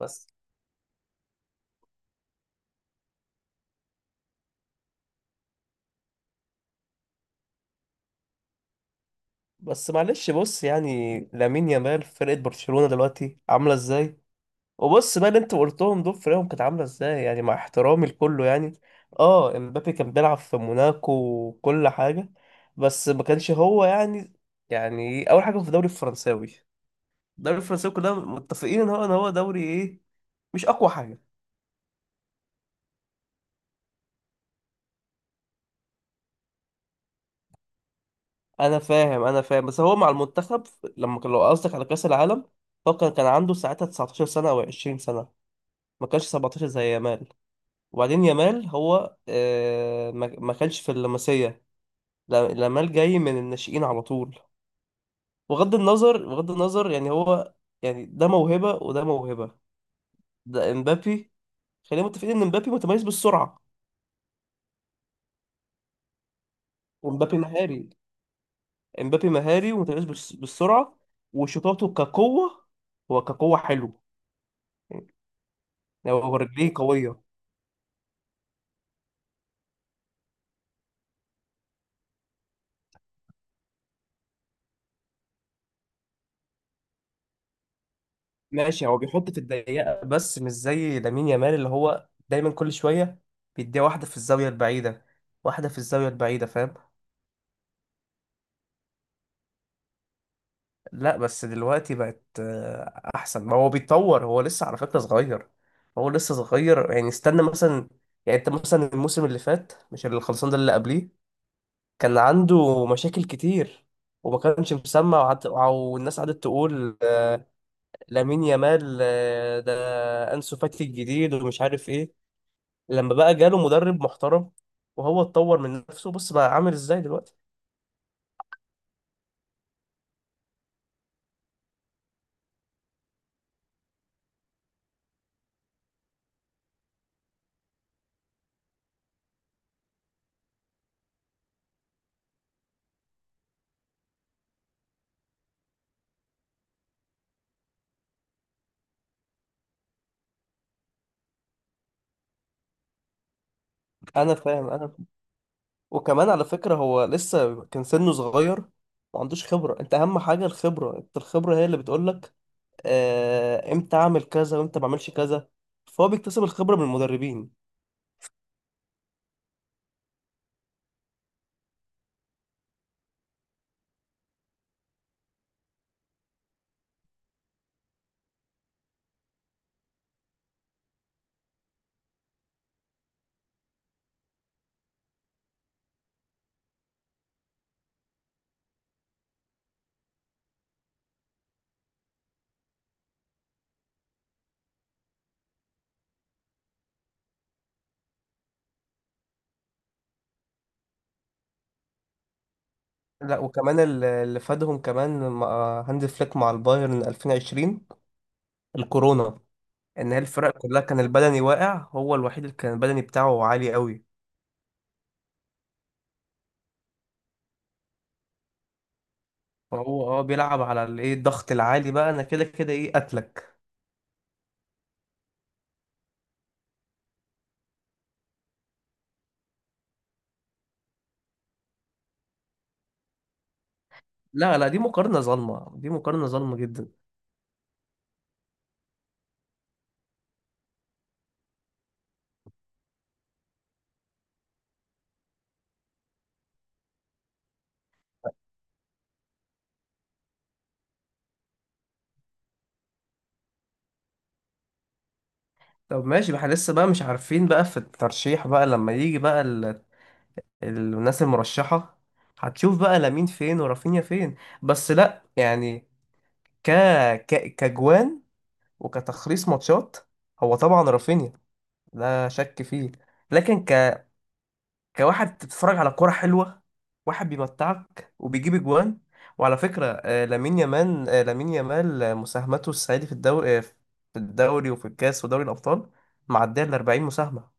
بس بس، معلش، بص يعني لامين يامال في فرقة برشلونة دلوقتي عاملة ازاي؟ وبص بقى، اللي انت قلتهم دول فرقهم كانت عاملة ازاي يعني، مع احترامي لكله. يعني اه، امبابي كان بيلعب في موناكو وكل حاجة، بس ما كانش هو يعني. اول حاجة في الدوري الفرنساوي، الدوري الفرنساوي كلنا متفقين ان هو دوري ايه، مش اقوى حاجة. انا فاهم انا فاهم، بس هو مع المنتخب لما كان، لو قصدك على كأس العالم، هو كان عنده ساعتها 19 سنة او 20 سنة، ما كانش 17 زي يامال. وبعدين يامال هو ما كانش في اللمسية. يامال جاي من الناشئين على طول. بغض النظر بغض النظر يعني، هو يعني ده موهبة وده موهبة، ده امبابي. خلينا متفقين ان امبابي متميز بالسرعة. وامبابي مهاري، امبابي مهاري ومتميز بالسرعة، وشطاته كقوة، هو كقوة حلو يعني، هو رجليه قوية. ماشي، هو بيحط في الضيقه بس مش زي لامين يامال، اللي هو دايما كل شويه بيديها واحده في الزاويه البعيده، واحده في الزاويه البعيده، فاهم. لا بس دلوقتي بقت احسن، ما هو بيتطور، هو لسه على فكره صغير، هو لسه صغير. يعني استنى مثلا، يعني انت مثلا الموسم اللي فات، مش اللي خلصان ده، اللي قبليه، كان عنده مشاكل كتير وما كانش مسمع، والناس قعدت تقول لامين يامال ده انسو فاتي الجديد، ومش عارف ايه. لما بقى جاله مدرب محترم وهو اتطور من نفسه، بص بقى عامل ازاي دلوقتي. انا فاهم انا فاهم. وكمان على فكره هو لسه كان سنه صغير، ما عندوش خبره. انت اهم حاجه الخبره، انت الخبره هي اللي بتقولك امتى اعمل كذا وامتى ما اعملش كذا. فهو بيكتسب الخبره من المدربين. لا، وكمان اللي فادهم كمان مع هانز فليك مع البايرن 2020، الكورونا، ان هي الفرق كلها كان البدني واقع، هو الوحيد اللي كان البدني بتاعه عالي قوي. هو بيلعب على الايه، الضغط العالي، بقى انا كده كده ايه قتلك. لا لا، دي مقارنة ظالمة، دي مقارنة ظالمة جدا. طب ماشي، احنا لسه بقى مش عارفين بقى في الترشيح، بقى لما يجي بقى الناس المرشحة، هتشوف بقى لامين فين ورافينيا فين. بس لا يعني، ك... كجوان وكتخليص ماتشات، هو طبعا رافينيا، لا شك فيه. لكن كواحد بتتفرج على كرة حلوة، واحد بيمتعك وبيجيب اجوان، وعلى فكرة لامين يامال مساهمته الصعيدي في الدوري، وفي الكاس ودوري الأبطال، معدية ال 40 مساهمة.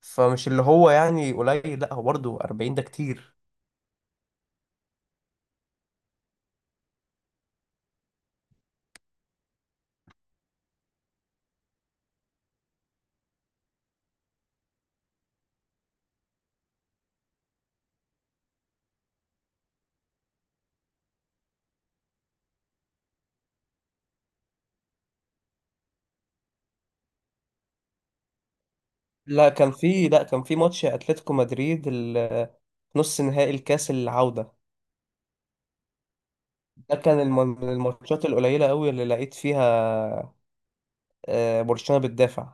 فمش اللي هو يعني قليل، لا هو برضه 40 ده كتير. لا كان في ماتش اتلتيكو مدريد، نص نهائي الكاس العودة. ده كان من الماتشات القليلة قوي اللي لقيت فيها برشلونة بتدافع.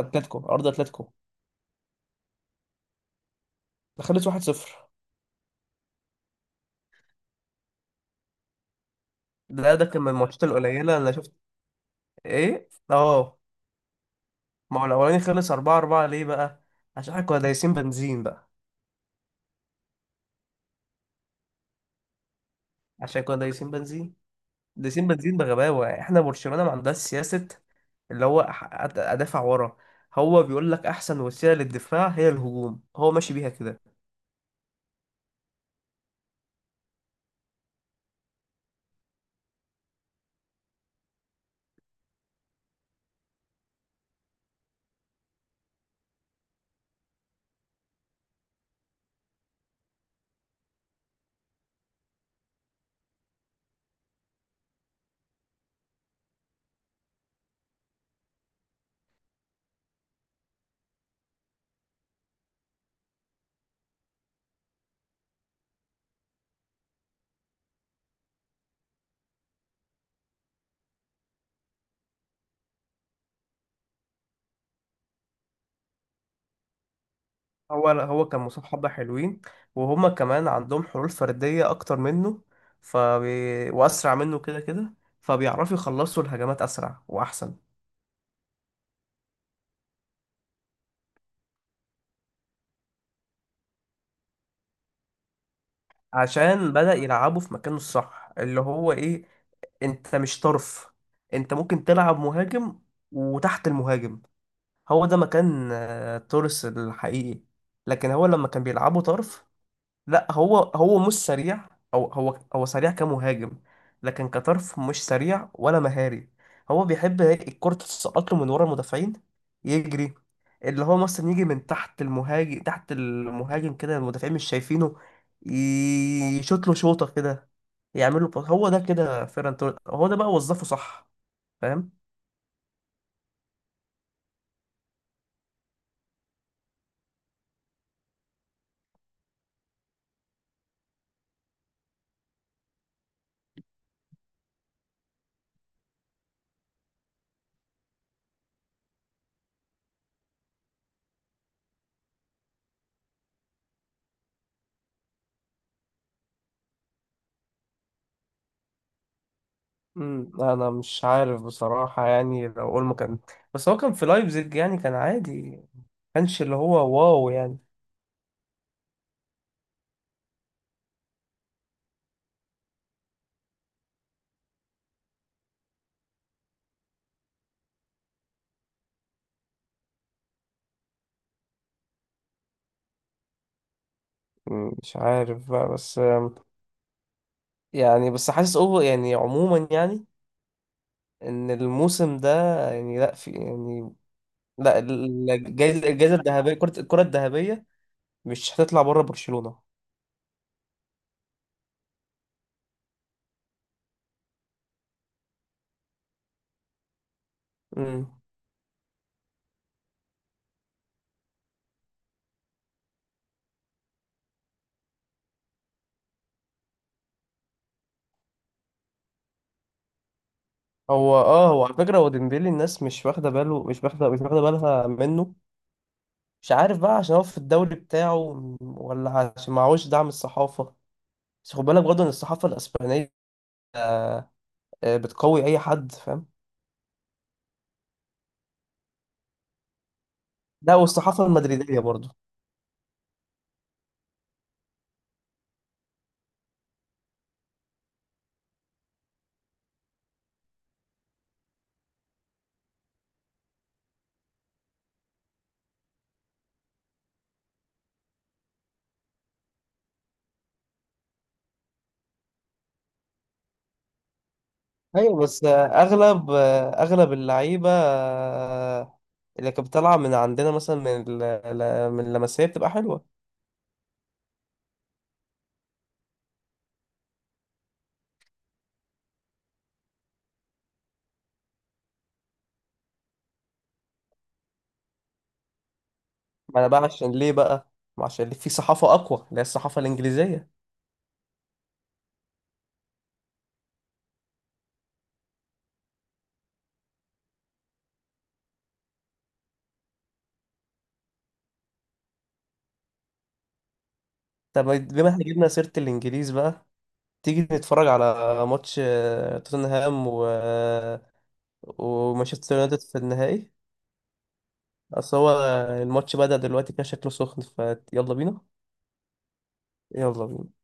اتلتيكو، ارض اتلتيكو، دخلت 1-0. ده كان من الماتشات القليلة اللي شفت، ايه ما هو الاولاني خلص 4-4 ليه بقى؟ عشان احنا كنا دايسين بنزين بقى، عشان كنا دايسين بنزين، دايسين بنزين بغباوة يعني. احنا برشلونة ما عندهاش سياسة، اللي هو ادافع ورا. هو بيقول لك احسن وسيلة للدفاع هي الهجوم، هو ماشي بيها كده. هو كان مصاب حبة حلوين، وهما كمان عندهم حلول فردية اكتر منه، واسرع منه كده كده، فبيعرفوا يخلصوا الهجمات اسرع واحسن. عشان بدأ يلعبه في مكانه الصح اللي هو ايه، انت مش طرف، انت ممكن تلعب مهاجم وتحت المهاجم، هو ده مكان توريس الحقيقي. لكن هو لما كان بيلعبه طرف، لا هو مش سريع، او هو سريع كمهاجم، لكن كطرف مش سريع ولا مهاري. هو بيحب الكرة تتسقط له من ورا المدافعين، يجري، اللي هو مثلا يجي من تحت المهاجم، تحت المهاجم كده المدافعين مش شايفينه، يشوط له شوطة كده، يعمل له باص. هو ده كده فيران توريس، هو ده بقى وظفه صح، فاهم. انا مش عارف بصراحة، يعني لو اقول اول ما كان، بس هو كان في لايبزيج يعني كان عادي، ما كانش اللي هو واو يعني. مش عارف بقى، بس يعني بس حاسس اوفر يعني عموما، يعني ان الموسم ده، يعني لا في يعني، لا الجايزه الذهبيه، الكره الذهبيه مش هتطلع بره برشلونه. امم هو هو على فكره، هو ديمبلي الناس مش واخده باله، مش واخده بالها منه، مش عارف بقى، عشان هو في الدوري بتاعه، ولا عشان معهوش دعم الصحافه؟ بس خد بالك برضه ان الصحافه الاسبانيه آه، بتقوي اي حد، فاهم. لا، والصحافه المدريديه برضه. ايوه، بس اغلب اللعيبه اللي كانت بتطلع من عندنا، مثلا من اللمسيه بتبقى حلوه. ما انا بقى عشان ليه بقى؟ ما عشان في صحافه اقوى، اللي هي الصحافه الانجليزيه. طب بما احنا جبنا سيره الانجليز بقى، تيجي نتفرج على ماتش توتنهام ومانشستر يونايتد في النهائي. اصل هو الماتش بدأ دلوقتي، كده شكله سخن، فيلا بينا، يلا بينا.